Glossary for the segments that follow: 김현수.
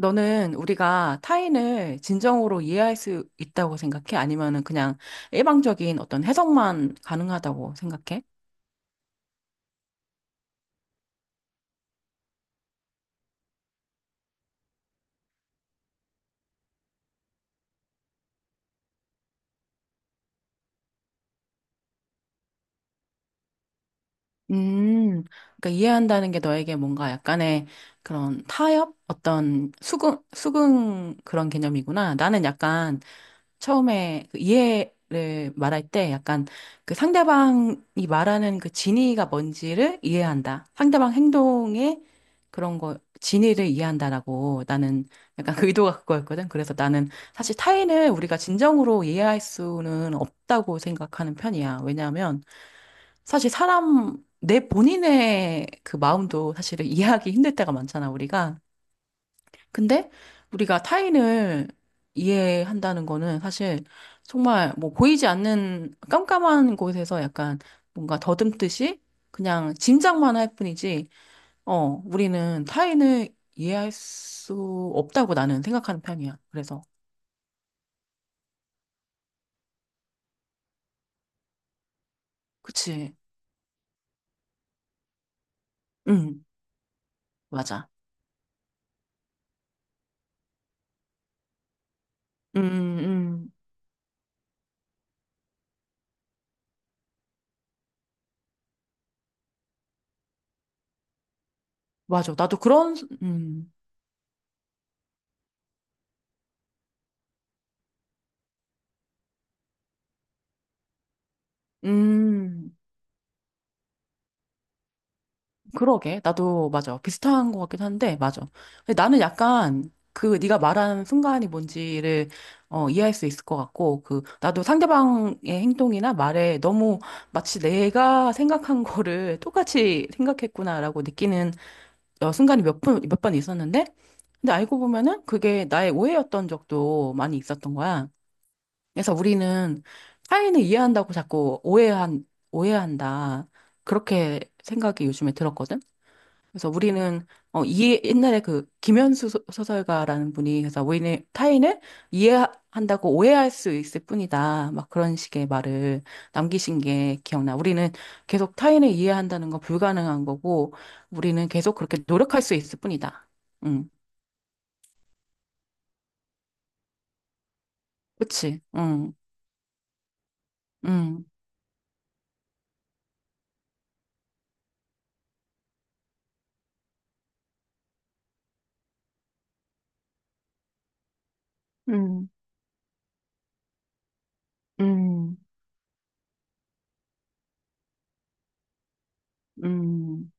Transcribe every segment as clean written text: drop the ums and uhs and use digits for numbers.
너는 우리가 타인을 진정으로 이해할 수 있다고 생각해? 아니면은 그냥 일방적인 어떤 해석만 가능하다고 생각해? 음, 그러니까 이해한다는 게 너에게 뭔가 약간의 그런 타협? 어떤 수긍 그런 개념이구나. 나는 약간 처음에 그 이해를 말할 때 약간 그 상대방이 말하는 그 진의가 뭔지를 이해한다. 상대방 행동의 그런 거, 진의를 이해한다라고 나는 약간 그 의도가 그거였거든. 그래서 나는 사실 타인을 우리가 진정으로 이해할 수는 없다고 생각하는 편이야. 왜냐하면 사실 사람, 내 본인의 그 마음도 사실은 이해하기 힘들 때가 많잖아, 우리가. 근데 우리가 타인을 이해한다는 거는 사실 정말 뭐 보이지 않는 깜깜한 곳에서 약간 뭔가 더듬듯이 그냥 짐작만 할 뿐이지, 우리는 타인을 이해할 수 없다고 나는 생각하는 편이야. 그래서, 그치. 응, 맞아. 음, 음, 맞아. 나도 그런, 음, 음. 그러게. 나도 맞아. 비슷한 것 같긴 한데, 맞아. 근데 나는 약간 그 네가 말한 순간이 뭔지를 이해할 수 있을 것 같고, 그 나도 상대방의 행동이나 말에 너무 마치 내가 생각한 거를 똑같이 생각했구나라고 느끼는 순간이 몇 번 있었는데, 근데 알고 보면은 그게 나의 오해였던 적도 많이 있었던 거야. 그래서 우리는 타인을 이해한다고 자꾸 오해한다. 그렇게 생각이 요즘에 들었거든. 그래서 우리는 어 이해 옛날에 그 김현수 소설가라는 분이 그래서 우리는 타인을 이해한다고 오해할 수 있을 뿐이다. 막 그런 식의 말을 남기신 게 기억나. 우리는 계속 타인을 이해한다는 건 불가능한 거고 우리는 계속 그렇게 노력할 수 있을 뿐이다. 응. 그치? 응. 응. 응, 응, 응,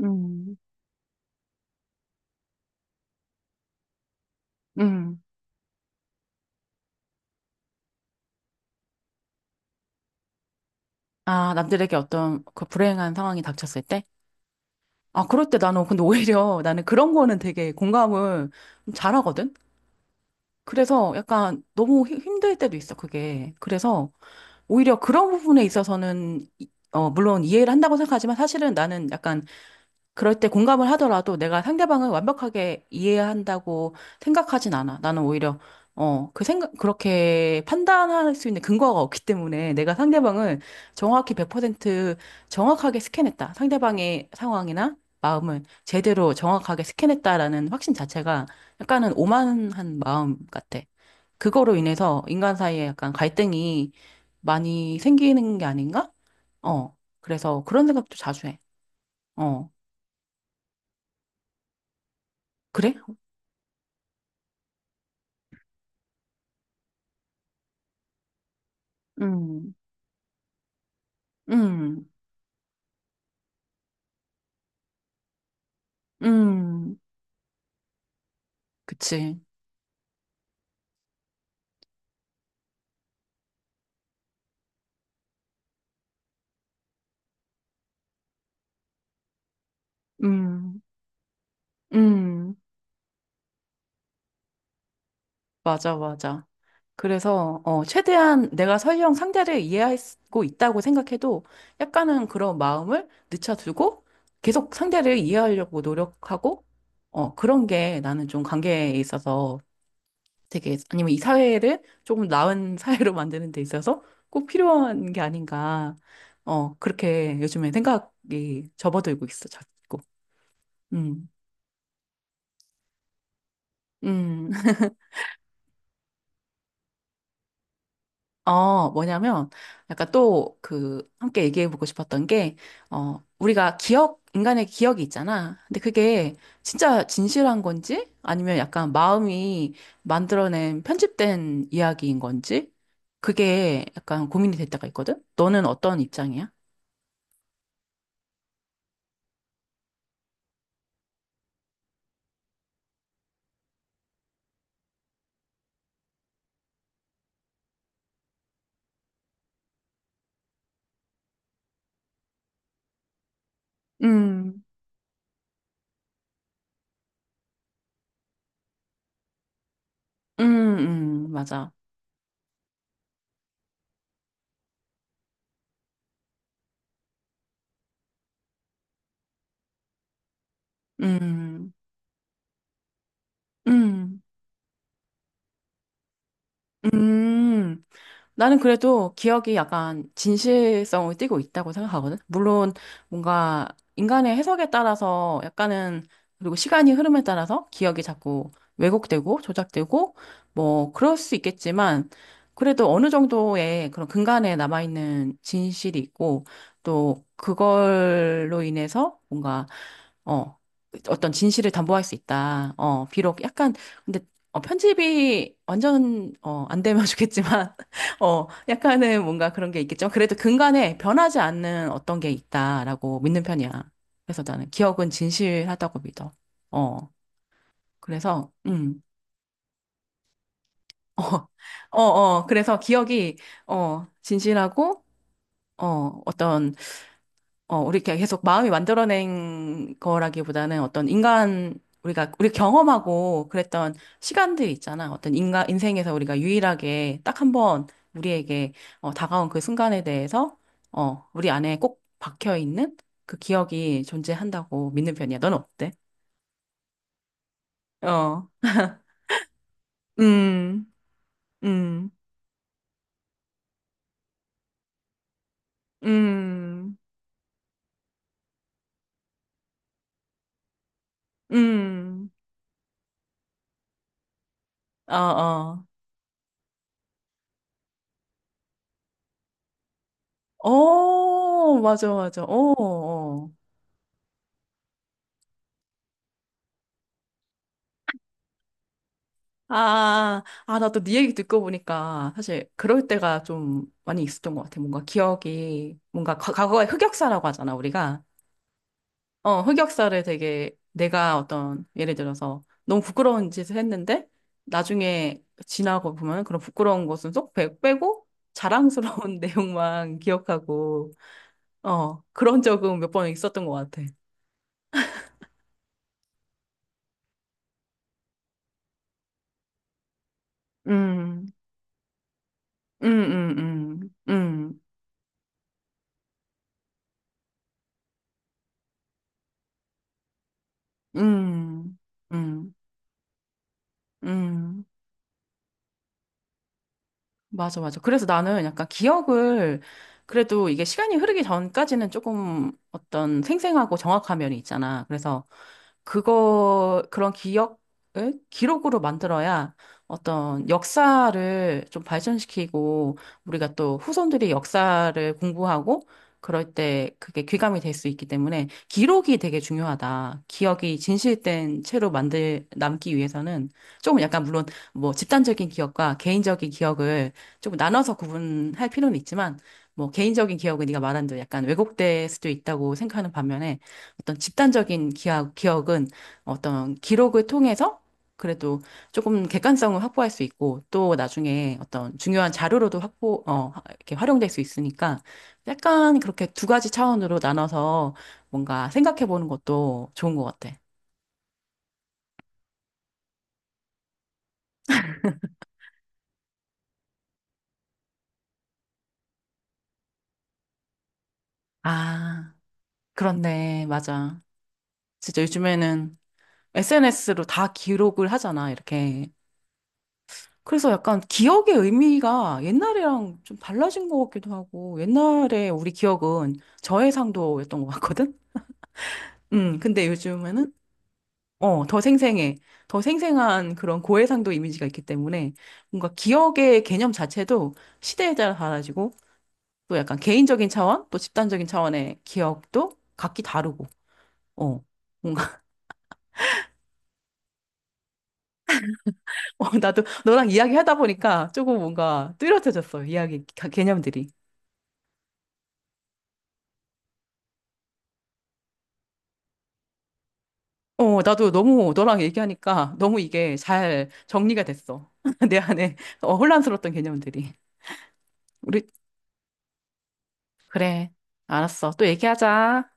응. 응. 아, 남들에게 어떤 그 불행한 상황이 닥쳤을 때? 아, 그럴 때 나는 근데 오히려 나는 그런 거는 되게 공감을 좀 잘하거든? 그래서 약간 너무 힘들 때도 있어, 그게. 그래서 오히려 그런 부분에 있어서는, 물론 이해를 한다고 생각하지만 사실은 나는 약간 그럴 때 공감을 하더라도 내가 상대방을 완벽하게 이해한다고 생각하진 않아. 나는 오히려, 그렇게 판단할 수 있는 근거가 없기 때문에 내가 상대방을 정확히 100% 정확하게 스캔했다. 상대방의 상황이나 마음을 제대로 정확하게 스캔했다라는 확신 자체가 약간은 오만한 마음 같아. 그거로 인해서 인간 사이에 약간 갈등이 많이 생기는 게 아닌가? 어, 그래서 그런 생각도 자주 해. 어. 그래? 음, 음, 음, 그치. 음, 음, 맞아, 맞아. 그래서, 최대한 내가 설령 상대를 이해하고 있다고 생각해도 약간은 그런 마음을 늦춰두고 계속 상대를 이해하려고 노력하고, 그런 게 나는 좀 관계에 있어서 되게, 아니면 이 사회를 조금 나은 사회로 만드는 데 있어서 꼭 필요한 게 아닌가. 그렇게 요즘에 생각이 접어들고 있어, 자꾸. 음. 음, 뭐냐면, 약간 또 그, 함께 얘기해보고 싶었던 게, 우리가 인간의 기억이 있잖아. 근데 그게 진짜 진실한 건지, 아니면 약간 마음이 만들어낸 편집된 이야기인 건지, 그게 약간 고민이 될 때가 있거든? 너는 어떤 입장이야? 음, 음, 맞아. 음, 음, 음. 나는 그래도 기억이 약간 진실성을 띠고 있다고 생각하거든. 물론 뭔가 인간의 해석에 따라서 약간은 그리고 시간이 흐름에 따라서 기억이 자꾸 왜곡되고 조작되고 뭐 그럴 수 있겠지만 그래도 어느 정도의 그런 근간에 남아있는 진실이 있고 또 그걸로 인해서 뭔가 어, 어떤 진실을 담보할 수 있다. 비록 약간, 근데, 편집이 완전, 안 되면 좋겠지만, 약간은 뭔가 그런 게 있겠죠. 그래도 근간에 변하지 않는 어떤 게 있다라고 믿는 편이야. 그래서 나는 기억은 진실하다고 믿어. 어, 그래서, 그래서 기억이, 진실하고, 어, 어떤 우리 이렇게 계속 마음이 만들어낸 거라기보다는 어떤 인간, 우리 경험하고 그랬던 시간들이 있잖아. 어떤 인생에서 우리가 유일하게 딱 한번 우리에게 다가온 그 순간에 대해서, 우리 안에 꼭 박혀있는 그 기억이 존재한다고 믿는 편이야. 넌 어때? 어, 음, 음, 음, 음, 어, 어. 오, 맞아, 맞아. 오, 어. 아, 아, 나 또 네 얘기 듣고 보니까 사실 그럴 때가 좀 많이 있었던 것 같아. 뭔가 기억이, 뭔가 과거의 흑역사라고 하잖아, 우리가. 흑역사를 되게 내가 어떤, 예를 들어서 너무 부끄러운 짓을 했는데 나중에 지나고 보면 그런 부끄러운 것은 쏙 빼고 자랑스러운 내용만 기억하고, 그런 적은 몇 번 있었던 것 같아. 음, 음, 음, 음, 음, 음, 음, 음. 맞아, 맞아. 그래서 나는 약간 기억을 그래도 이게 시간이 흐르기 전까지는 조금 어떤 생생하고 정확한 면이 있잖아. 그래서 그런 기억을 기록으로 만들어야 어떤 역사를 좀 발전시키고 우리가 또 후손들이 역사를 공부하고 그럴 때 그게 귀감이 될 수 있기 때문에 기록이 되게 중요하다. 기억이 진실된 채로 남기 위해서는 조금 약간 물론 뭐 집단적인 기억과 개인적인 기억을 조금 나눠서 구분할 필요는 있지만 뭐 개인적인 기억은 네가 말한 대로 약간 왜곡될 수도 있다고 생각하는 반면에 어떤 집단적인 기억은 어떤 기록을 통해서 그래도 조금 객관성을 확보할 수 있고 또 나중에 어떤 중요한 자료로도 확보 이렇게 활용될 수 있으니까 약간 그렇게 두 가지 차원으로 나눠서 뭔가 생각해 보는 것도 좋은 것 같아. 아, 그렇네. 맞아. 진짜 요즘에는 SNS로 다 기록을 하잖아, 이렇게. 그래서 약간 기억의 의미가 옛날이랑 좀 달라진 것 같기도 하고, 옛날에 우리 기억은 저해상도였던 것 같거든? 근데 요즘에는, 더 생생해. 더 생생한 그런 고해상도 이미지가 있기 때문에 뭔가 기억의 개념 자체도 시대에 따라 달라지고, 또 약간 개인적인 차원, 또 집단적인 차원의 기억도 각기 다르고, 어. 뭔가, 나도 너랑 이야기 하다 보니까 조금 뭔가 뚜렷해졌어, 개념들이. 나도 너무 너랑 얘기하니까 너무 이게 잘 정리가 됐어. 내 안에 혼란스러웠던 개념들이. 우리, 그래. 알았어. 또 얘기하자.